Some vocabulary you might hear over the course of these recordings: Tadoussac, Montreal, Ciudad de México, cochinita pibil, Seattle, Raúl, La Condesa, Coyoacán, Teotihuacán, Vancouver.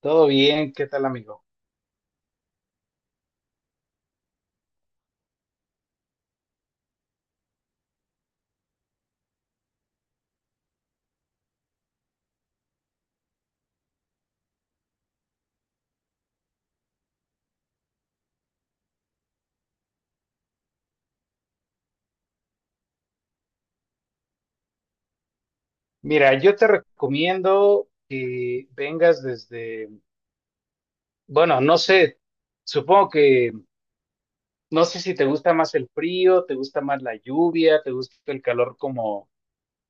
Todo bien, ¿qué tal, amigo? Mira, yo te recomiendo que vengas desde, bueno, no sé, supongo que, no sé si te gusta más el frío, te gusta más la lluvia, te gusta el calor como,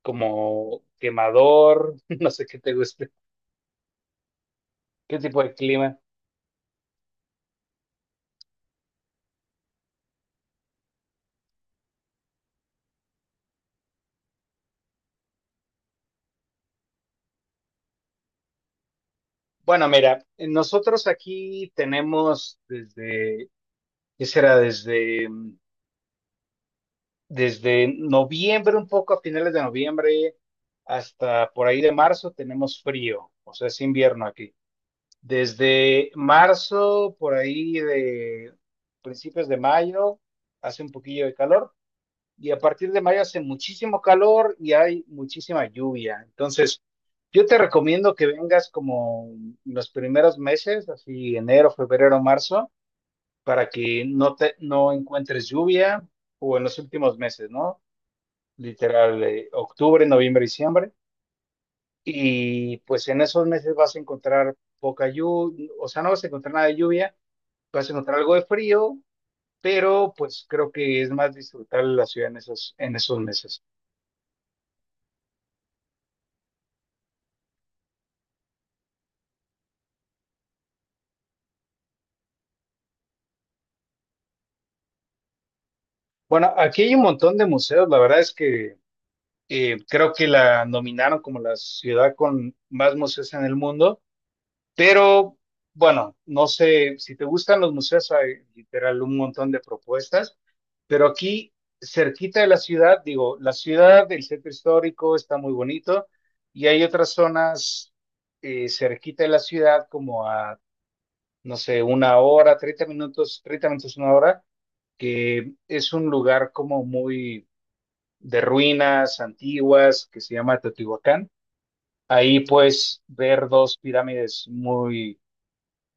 como quemador, no sé qué te guste, qué tipo de clima. Bueno, mira, nosotros aquí tenemos desde, ¿qué será? Desde noviembre, un poco a finales de noviembre hasta por ahí de marzo tenemos frío, o sea, es invierno aquí. Desde marzo, por ahí de principios de mayo, hace un poquillo de calor, y a partir de mayo hace muchísimo calor y hay muchísima lluvia. Entonces, yo te recomiendo que vengas como los primeros meses, así enero, febrero, marzo, para que no te no encuentres lluvia o en los últimos meses, ¿no? Literal, octubre, noviembre, diciembre. Y pues en esos meses vas a encontrar poca lluvia, o sea, no vas a encontrar nada de lluvia, vas a encontrar algo de frío, pero pues creo que es más disfrutable la ciudad en esos meses. Bueno, aquí hay un montón de museos, la verdad es que creo que la nominaron como la ciudad con más museos en el mundo. Pero bueno, no sé si te gustan los museos, hay literal un montón de propuestas, pero aquí cerquita de la ciudad, digo, la ciudad, el centro histórico está muy bonito, y hay otras zonas cerquita de la ciudad como a, no sé, una hora, 30 minutos, una hora, que es un lugar como muy de ruinas antiguas que se llama Teotihuacán. Ahí puedes ver dos pirámides muy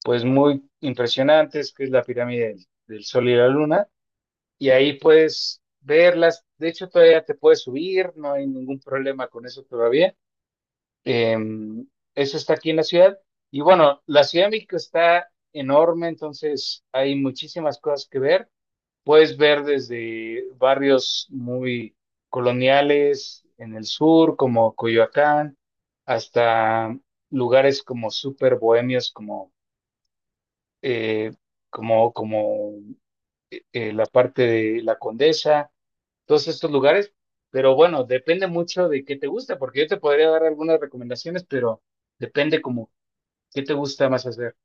pues muy impresionantes, que es la pirámide del Sol y la Luna, y ahí puedes verlas, de hecho todavía te puedes subir, no hay ningún problema con eso todavía. Eh, Eso está aquí en la ciudad, y bueno, la Ciudad de México está enorme, entonces hay muchísimas cosas que ver, puedes ver desde barrios muy coloniales en el sur, como Coyoacán, hasta lugares como súper bohemios, como eh, como, como la parte de La Condesa, todos estos lugares. Pero bueno, depende mucho de qué te gusta, porque yo te podría dar algunas recomendaciones, pero depende como qué te gusta más hacer.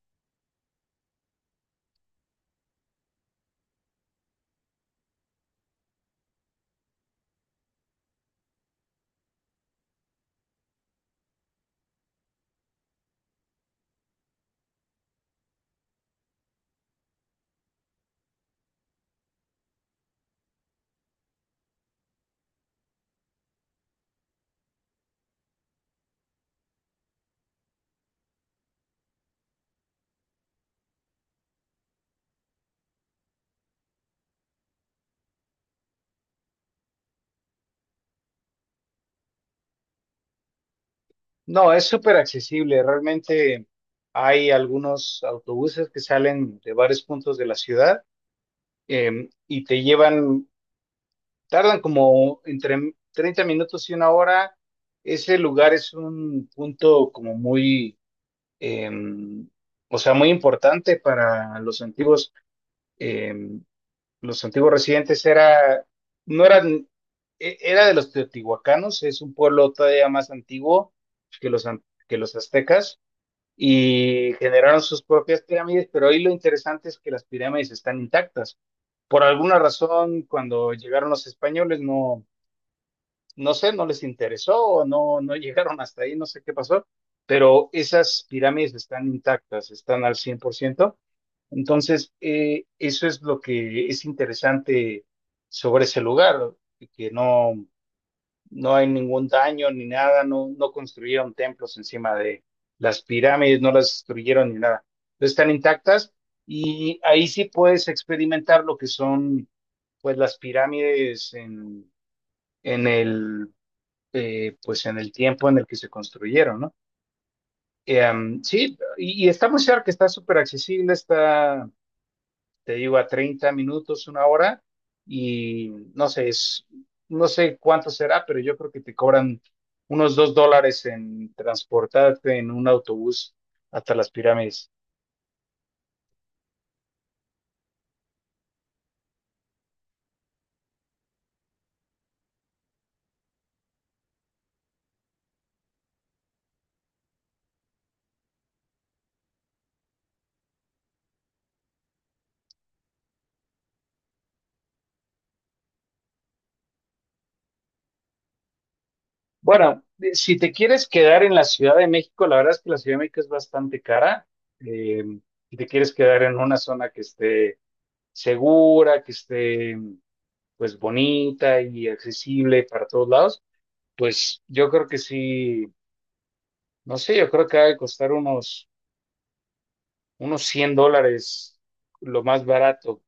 No, es súper accesible. Realmente hay algunos autobuses que salen de varios puntos de la ciudad, y te llevan, tardan como entre 30 minutos y una hora. Ese lugar es un punto como muy, em, o sea, muy importante para los antiguos, em, los antiguos residentes era, no eran, era de los teotihuacanos, es un pueblo todavía más antiguo que los aztecas, y generaron sus propias pirámides, pero hoy lo interesante es que las pirámides están intactas. Por alguna razón, cuando llegaron los españoles, no, no sé, no les interesó, o no, no llegaron hasta ahí, no sé qué pasó, pero esas pirámides están intactas, están al 100%. Entonces, eso es lo que es interesante sobre ese lugar, que no, no hay ningún daño ni nada, no, no construyeron templos encima de las pirámides, no las destruyeron ni nada. Están intactas, y ahí sí puedes experimentar lo que son pues las pirámides en el en el tiempo en el que se construyeron, ¿no? Sí, y está muy cerca, está súper accesible, está, te digo, a 30 minutos, una hora, y no sé, es, no sé cuánto será, pero yo creo que te cobran unos $2 en transportarte en un autobús hasta las pirámides. Bueno, si te quieres quedar en la Ciudad de México, la verdad es que la Ciudad de México es bastante cara. eh, si te quieres quedar en una zona que esté segura, que esté pues bonita y accesible para todos lados, pues yo creo que sí, no sé, yo creo que ha de costar unos, $100 lo más barato.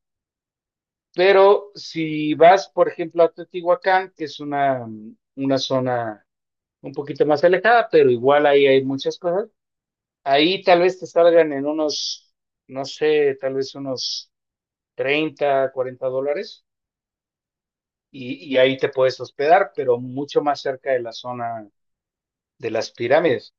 Pero si vas, por ejemplo, a Teotihuacán, que es una zona un poquito más alejada, pero igual ahí hay muchas cosas, ahí tal vez te salgan en unos, no sé, tal vez unos 30 40 dólares. Y ahí te puedes hospedar, pero mucho más cerca de la zona de las pirámides.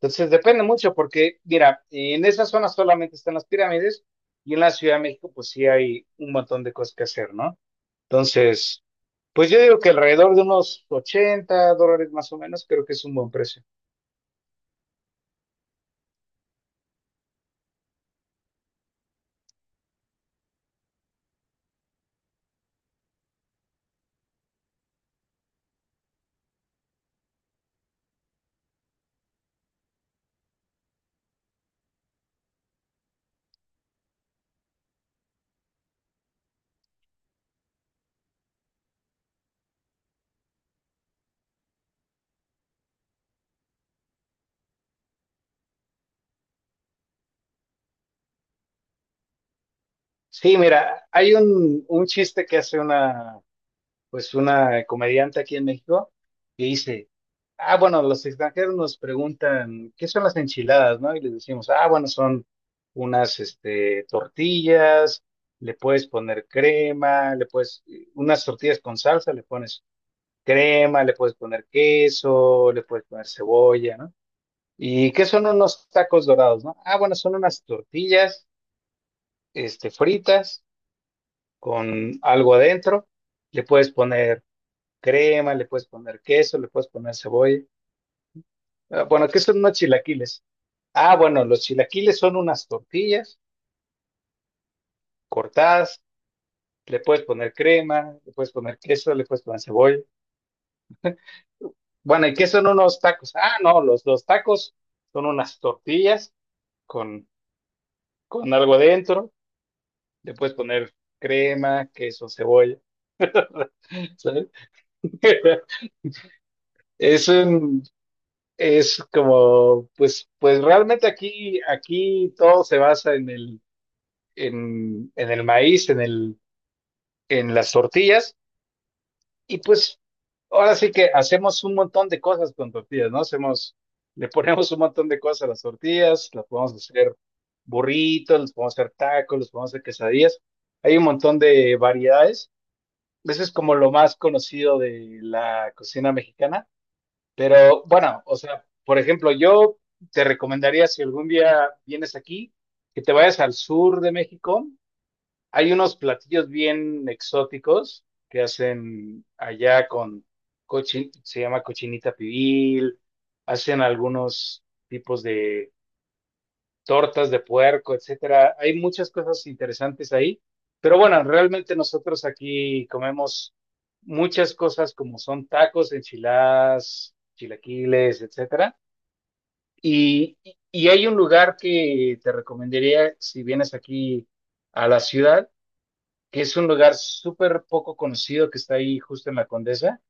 Entonces depende mucho porque, mira, en esa zona solamente están las pirámides, y en la Ciudad de México pues sí hay un montón de cosas que hacer, ¿no? Entonces, pues yo digo que alrededor de unos $80 más o menos creo que es un buen precio. Sí, mira, hay un chiste que hace una, pues una comediante aquí en México que dice, ah, bueno, los extranjeros nos preguntan, ¿qué son las enchiladas, no? Y les decimos, ah, bueno, son unas, este, tortillas, le puedes poner crema, unas tortillas con salsa, le pones crema, le puedes poner queso, le puedes poner cebolla, ¿no? ¿Y qué son unos tacos dorados, no? Ah, bueno, son unas tortillas, este, fritas con algo adentro, le puedes poner crema, le puedes poner queso, le puedes poner cebolla. Ah, bueno, ¿qué son unos chilaquiles? Ah, bueno, los chilaquiles son unas tortillas cortadas, le puedes poner crema, le puedes poner queso, le puedes poner cebolla. Bueno, ¿y qué son unos tacos? Ah, no, los tacos son unas tortillas con, con algo adentro, le puedes poner crema, queso, cebolla, ¿sabes? Es un, es como, realmente aquí todo se basa en el maíz, en las tortillas, y pues ahora sí que hacemos un montón de cosas con tortillas, ¿no? Le ponemos un montón de cosas a las tortillas, las podemos hacer burritos, los podemos hacer tacos, los podemos hacer quesadillas. Hay un montón de variedades. Eso es como lo más conocido de la cocina mexicana. Pero bueno, o sea, por ejemplo, yo te recomendaría si algún día vienes aquí, que te vayas al sur de México. Hay unos platillos bien exóticos que hacen allá con se llama cochinita pibil, hacen algunos tipos de tortas de puerco, etcétera. Hay muchas cosas interesantes ahí, pero bueno, realmente nosotros aquí comemos muchas cosas como son tacos, enchiladas, chilaquiles, etcétera. Y, y hay un lugar que te recomendaría si vienes aquí a la ciudad, que es un lugar súper poco conocido que está ahí justo en la Condesa,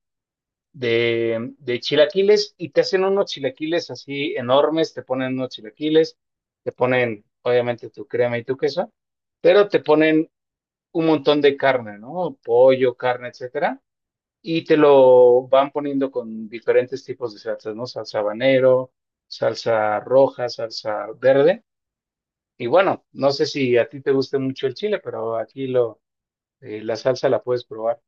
de chilaquiles, y te hacen unos chilaquiles así enormes, te ponen unos chilaquiles, te ponen obviamente tu crema y tu queso, pero te ponen un montón de carne, ¿no? Pollo, carne, etcétera, y te lo van poniendo con diferentes tipos de salsas, ¿no? Salsa habanero, salsa roja, salsa verde. Y bueno, no sé si a ti te guste mucho el chile, pero aquí la salsa la puedes probar.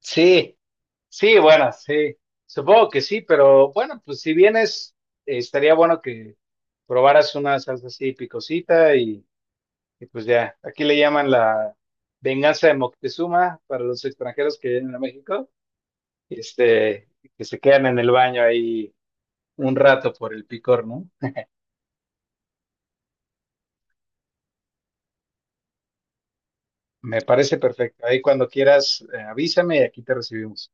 Sí, sí, bueno, sí, supongo que sí, pero bueno, pues si vienes, estaría bueno que probaras una salsa así picosita, y pues ya, aquí le llaman la venganza de Moctezuma para los extranjeros que vienen a México, este, que se quedan en el baño ahí un rato por el picor, ¿no? Me parece perfecto. Ahí cuando quieras, avísame y aquí te recibimos.